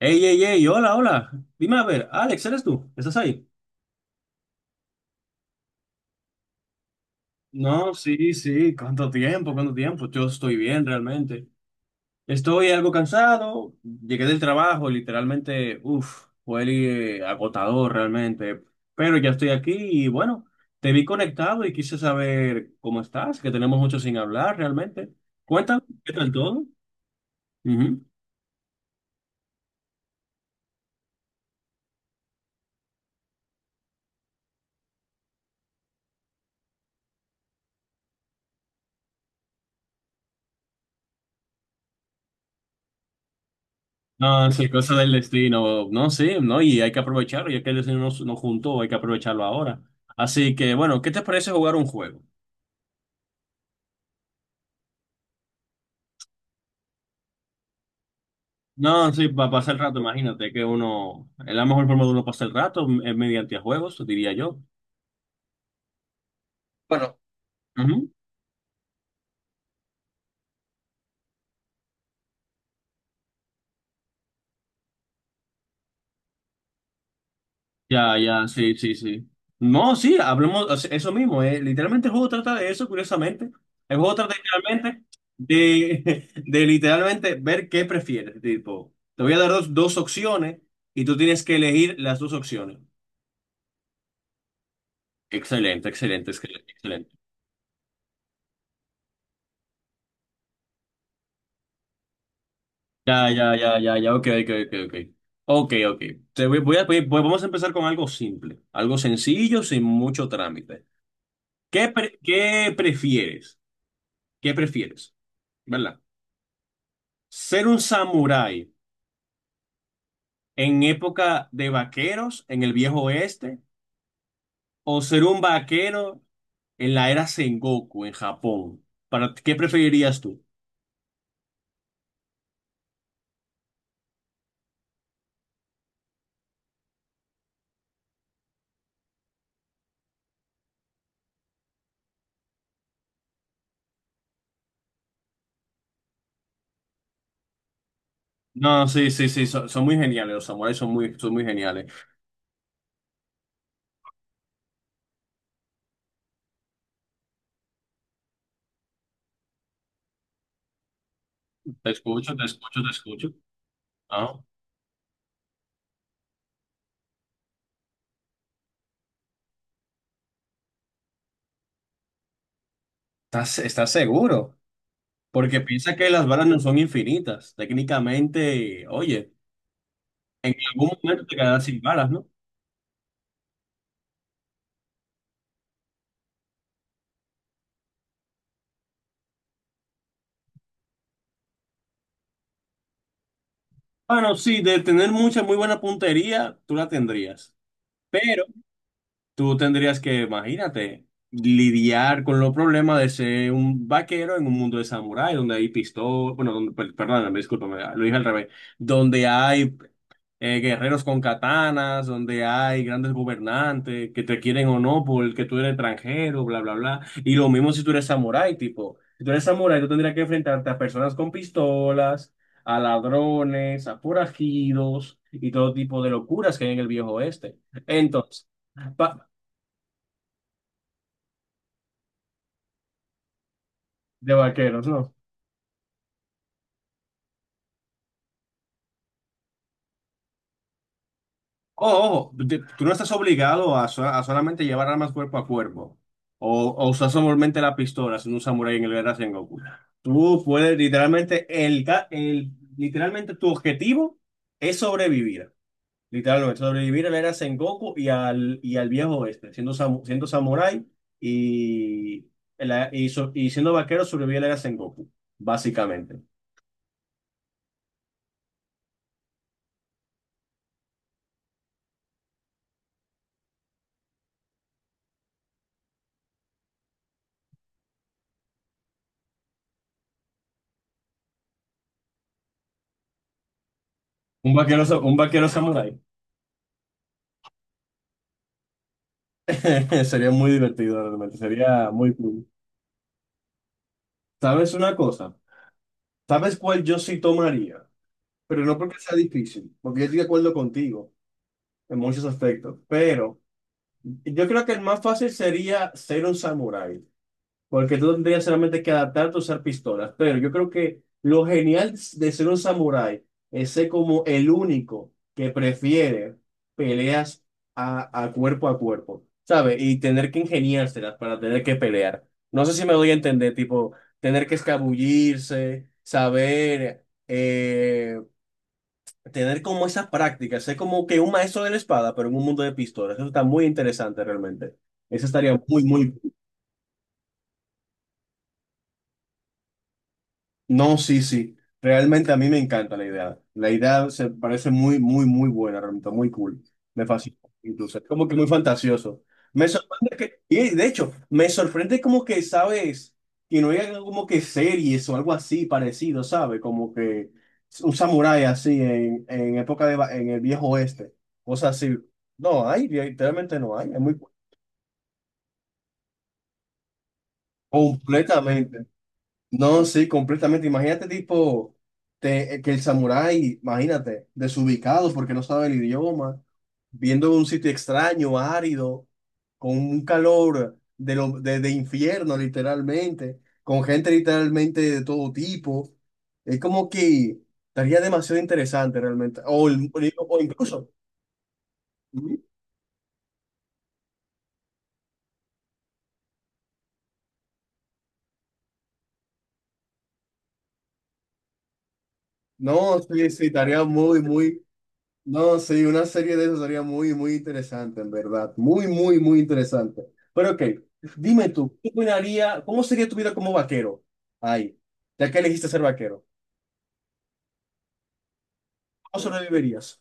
Ey, ey, ey, hola, hola. Dime a ver, Alex, ¿eres tú? ¿Estás ahí? No, sí, sí, ¿cuánto tiempo? ¿Cuánto tiempo? Yo estoy bien, realmente. Estoy algo cansado, llegué del trabajo, literalmente, uff, fue agotador realmente, pero ya estoy aquí y bueno, te vi conectado y quise saber cómo estás, que tenemos mucho sin hablar realmente. Cuéntame, ¿qué tal todo? Ujú. No, es el cosa del destino. No, sí, no, y hay que aprovecharlo, ya que el destino nos juntó, hay que aprovecharlo ahora. Así que, bueno, ¿qué te parece jugar un juego? No, sí, para pasar el rato, imagínate que uno, es la mejor forma de uno pasar el rato es mediante juegos, diría yo. Bueno, ujú. Ya, ya, sí, sí, sí. No, sí, hablemos, o sea, eso mismo, Literalmente el juego trata de eso, curiosamente. El juego trata literalmente de literalmente ver qué prefieres. Tipo, te voy a dar dos opciones y tú tienes que elegir las dos opciones. Excelente, excelente, excelente, excelente. Ya, ya, ya, ya, ya, ok, ok, ok, ok. Ok, ok. Te voy, voy a pedir- Pues vamos a empezar con algo simple, algo sencillo, sin mucho trámite. ¿Qué prefieres? ¿Qué prefieres? ¿Verdad? ¿Ser un samurái en época de vaqueros en el viejo oeste o ser un vaquero en la era Sengoku en Japón? ¿Para qué preferirías tú? No, sí, sí, sí, son, son muy geniales, los samuráis son muy geniales. Te escucho, te escucho, te escucho. Ah. ¿Estás, estás seguro? Porque piensa que las balas no son infinitas. Técnicamente, oye, en algún momento te quedarás sin balas, ¿no? Bueno, sí, de tener mucha, muy buena puntería, tú la tendrías. Pero tú tendrías que, imagínate, lidiar con los problemas de ser un vaquero en un mundo de samurái, donde hay pistolas, bueno, perdóname, discúlpame, lo dije al revés, donde hay guerreros con katanas, donde hay grandes gobernantes que te quieren o no porque tú eres extranjero, bla, bla, bla. Y lo mismo si tú eres samurái, tipo, si tú eres samurái, tú tendrías que enfrentarte a personas con pistolas, a ladrones, a forajidos y todo tipo de locuras que hay en el viejo oeste. Entonces, de vaqueros, ¿no? Ojo, ojo, tú no estás obligado a solamente llevar armas cuerpo a cuerpo o usar solamente la pistola siendo un samurái en el Guerra Sengoku. Tú puedes literalmente, literalmente tu objetivo es sobrevivir. Literalmente, sobrevivir a la Era Sengoku y al viejo oeste, siendo samurái y, y siendo vaquero sobrevivir a la Era Sengoku, básicamente. Un vaquero, un vaquero samurái. Sería muy divertido realmente, sería muy cool. ¿Sabes una cosa? ¿Sabes cuál yo sí tomaría? Pero no porque sea difícil, porque yo estoy de acuerdo contigo en muchos aspectos, pero yo creo que el más fácil sería ser un samurái. Porque tú tendrías solamente que adaptarte a usar pistolas. Pero yo creo que lo genial de ser un samurái es ser como el único que prefiere peleas a cuerpo, ¿sabes? Y tener que ingeniárselas para tener que pelear. No sé si me doy a entender, tipo, tener que escabullirse, saber, tener como esas prácticas, ser como que un maestro de la espada, pero en un mundo de pistolas. Eso está muy interesante realmente. Eso estaría muy, muy. No, sí, sí. Realmente a mí me encanta la idea. La idea se parece muy, muy, muy buena, realmente muy cool. Me fascina, incluso. Es como que muy fantasioso. Me sorprende que, y de hecho, me sorprende como que, ¿sabes? Que no haya como que series o algo así parecido, ¿sabes? Como que un samurái así en época de, en el viejo oeste. Cosas así. No hay, literalmente no hay. Es muy completamente. No, sí, completamente. Imagínate, tipo, que el samurái, imagínate, desubicado porque no sabe el idioma, viendo un sitio extraño, árido, con un calor de, de infierno, literalmente, con gente literalmente de todo tipo. Es como que estaría demasiado interesante realmente. O incluso, no, sí, sí, estaría muy, muy. No, sí, una serie de eso sería muy, muy interesante, en verdad. Muy, muy, muy interesante. Pero ok, dime tú, ¿cómo sería tu vida como vaquero? Ay, ya que elegiste ser vaquero, ¿cómo sobrevivirías?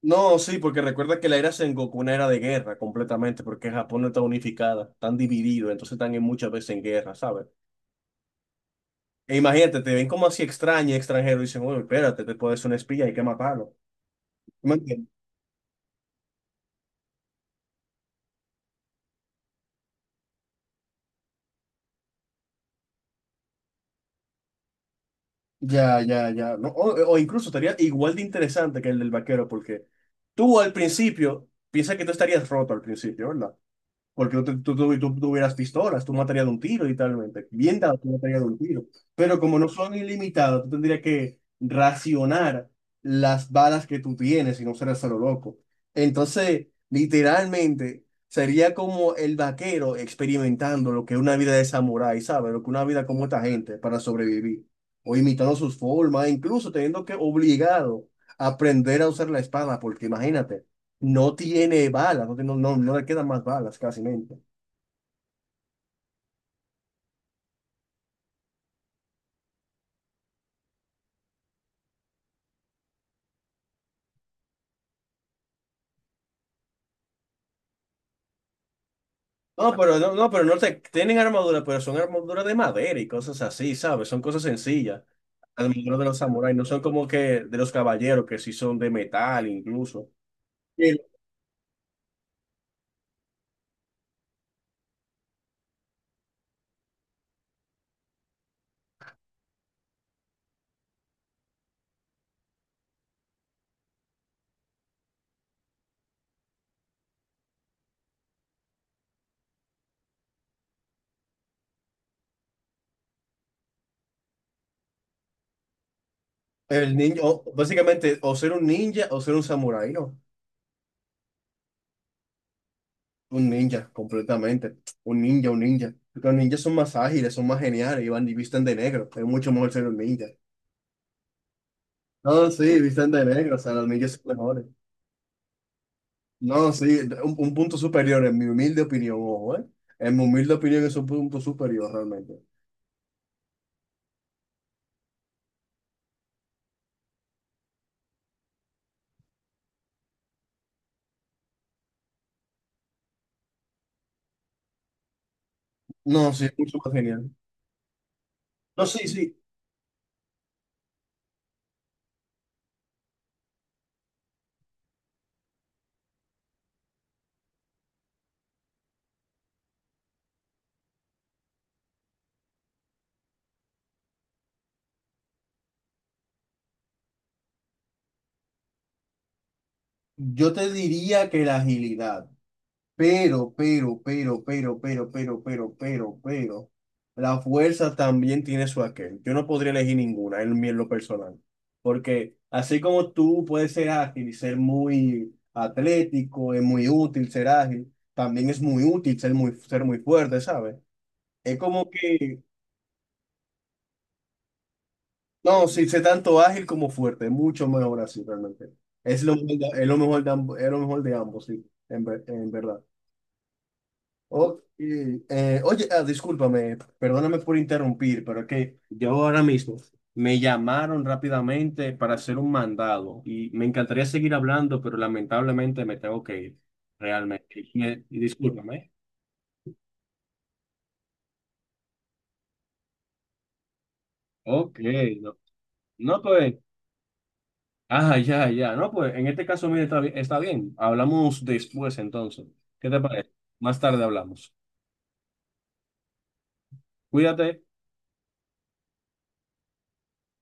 No, sí, porque recuerda que la era Sengoku una era de guerra completamente, porque Japón no está unificada, están divididos, entonces están en muchas veces en guerra, ¿sabes? E imagínate, te ven como así extraño, extranjero, y dicen, oye, espérate, te puedes ser un espía, hay que matarlo. Ya, ya, ya. No, o incluso estaría igual de interesante que el del vaquero, porque tú al principio piensas que tú estarías roto al principio, ¿verdad? Porque tú, te- tú- tú hubieras pistolas, tú matarías de un tiro, literalmente. Bien dado, tú matarías de un tiro. Pero como no son ilimitadas, tú tendrías que racionar las balas que tú tienes y no ser solo loco. Entonces, literalmente, sería como el vaquero experimentando lo que es una vida de samurái, ¿sabes? Lo que una vida como esta gente para sobrevivir. O imitando sus formas, incluso teniendo que obligado a aprender a usar la espada, porque imagínate. No tiene balas, no, no, no, no le quedan más balas casi mente. No, pero no, no, pero no te, tienen armadura, pero son armaduras de madera y cosas así, ¿sabes? Son cosas sencillas. Las armaduras de los samuráis no son como que de los caballeros, que sí son de metal incluso. El, el ninja, básicamente, o ser un ninja o ser un samurái, ¿no? Un ninja, completamente. Un ninja, un ninja. Los ninjas son más ágiles, son más geniales y van y visten de negro. Es mucho mejor ser un ninja. No, sí, visten de negro, o sea, los ninjas son mejores. No, sí, un punto superior, en mi humilde opinión, ojo, ¿eh? En mi humilde opinión es un punto superior realmente. No, sí, es mucho más genial. No, sí, sí, yo te diría que la agilidad, pero, la fuerza también tiene su aquel. Yo no podría elegir ninguna en, en lo personal, porque así como tú puedes ser ágil y ser muy atlético, es muy útil ser ágil, también es muy útil ser muy fuerte, ¿sabes? Es como que, no, sí, sé tanto ágil como fuerte, mucho mejor así realmente. Es lo mejor de, es lo mejor de, es lo mejor de ambos, sí, en, en verdad. Ok, oye, ah, discúlpame, perdóname por interrumpir, pero es que yo ahora mismo me llamaron rápidamente para hacer un mandado y me encantaría seguir hablando, pero lamentablemente me tengo que ir, realmente. Y discúlpame. Ok, no, no, pues. Ah, ya, ya. No, pues en este caso, mire, está bien. Está bien. Hablamos después entonces. ¿Qué te parece? Más tarde hablamos. Cuídate.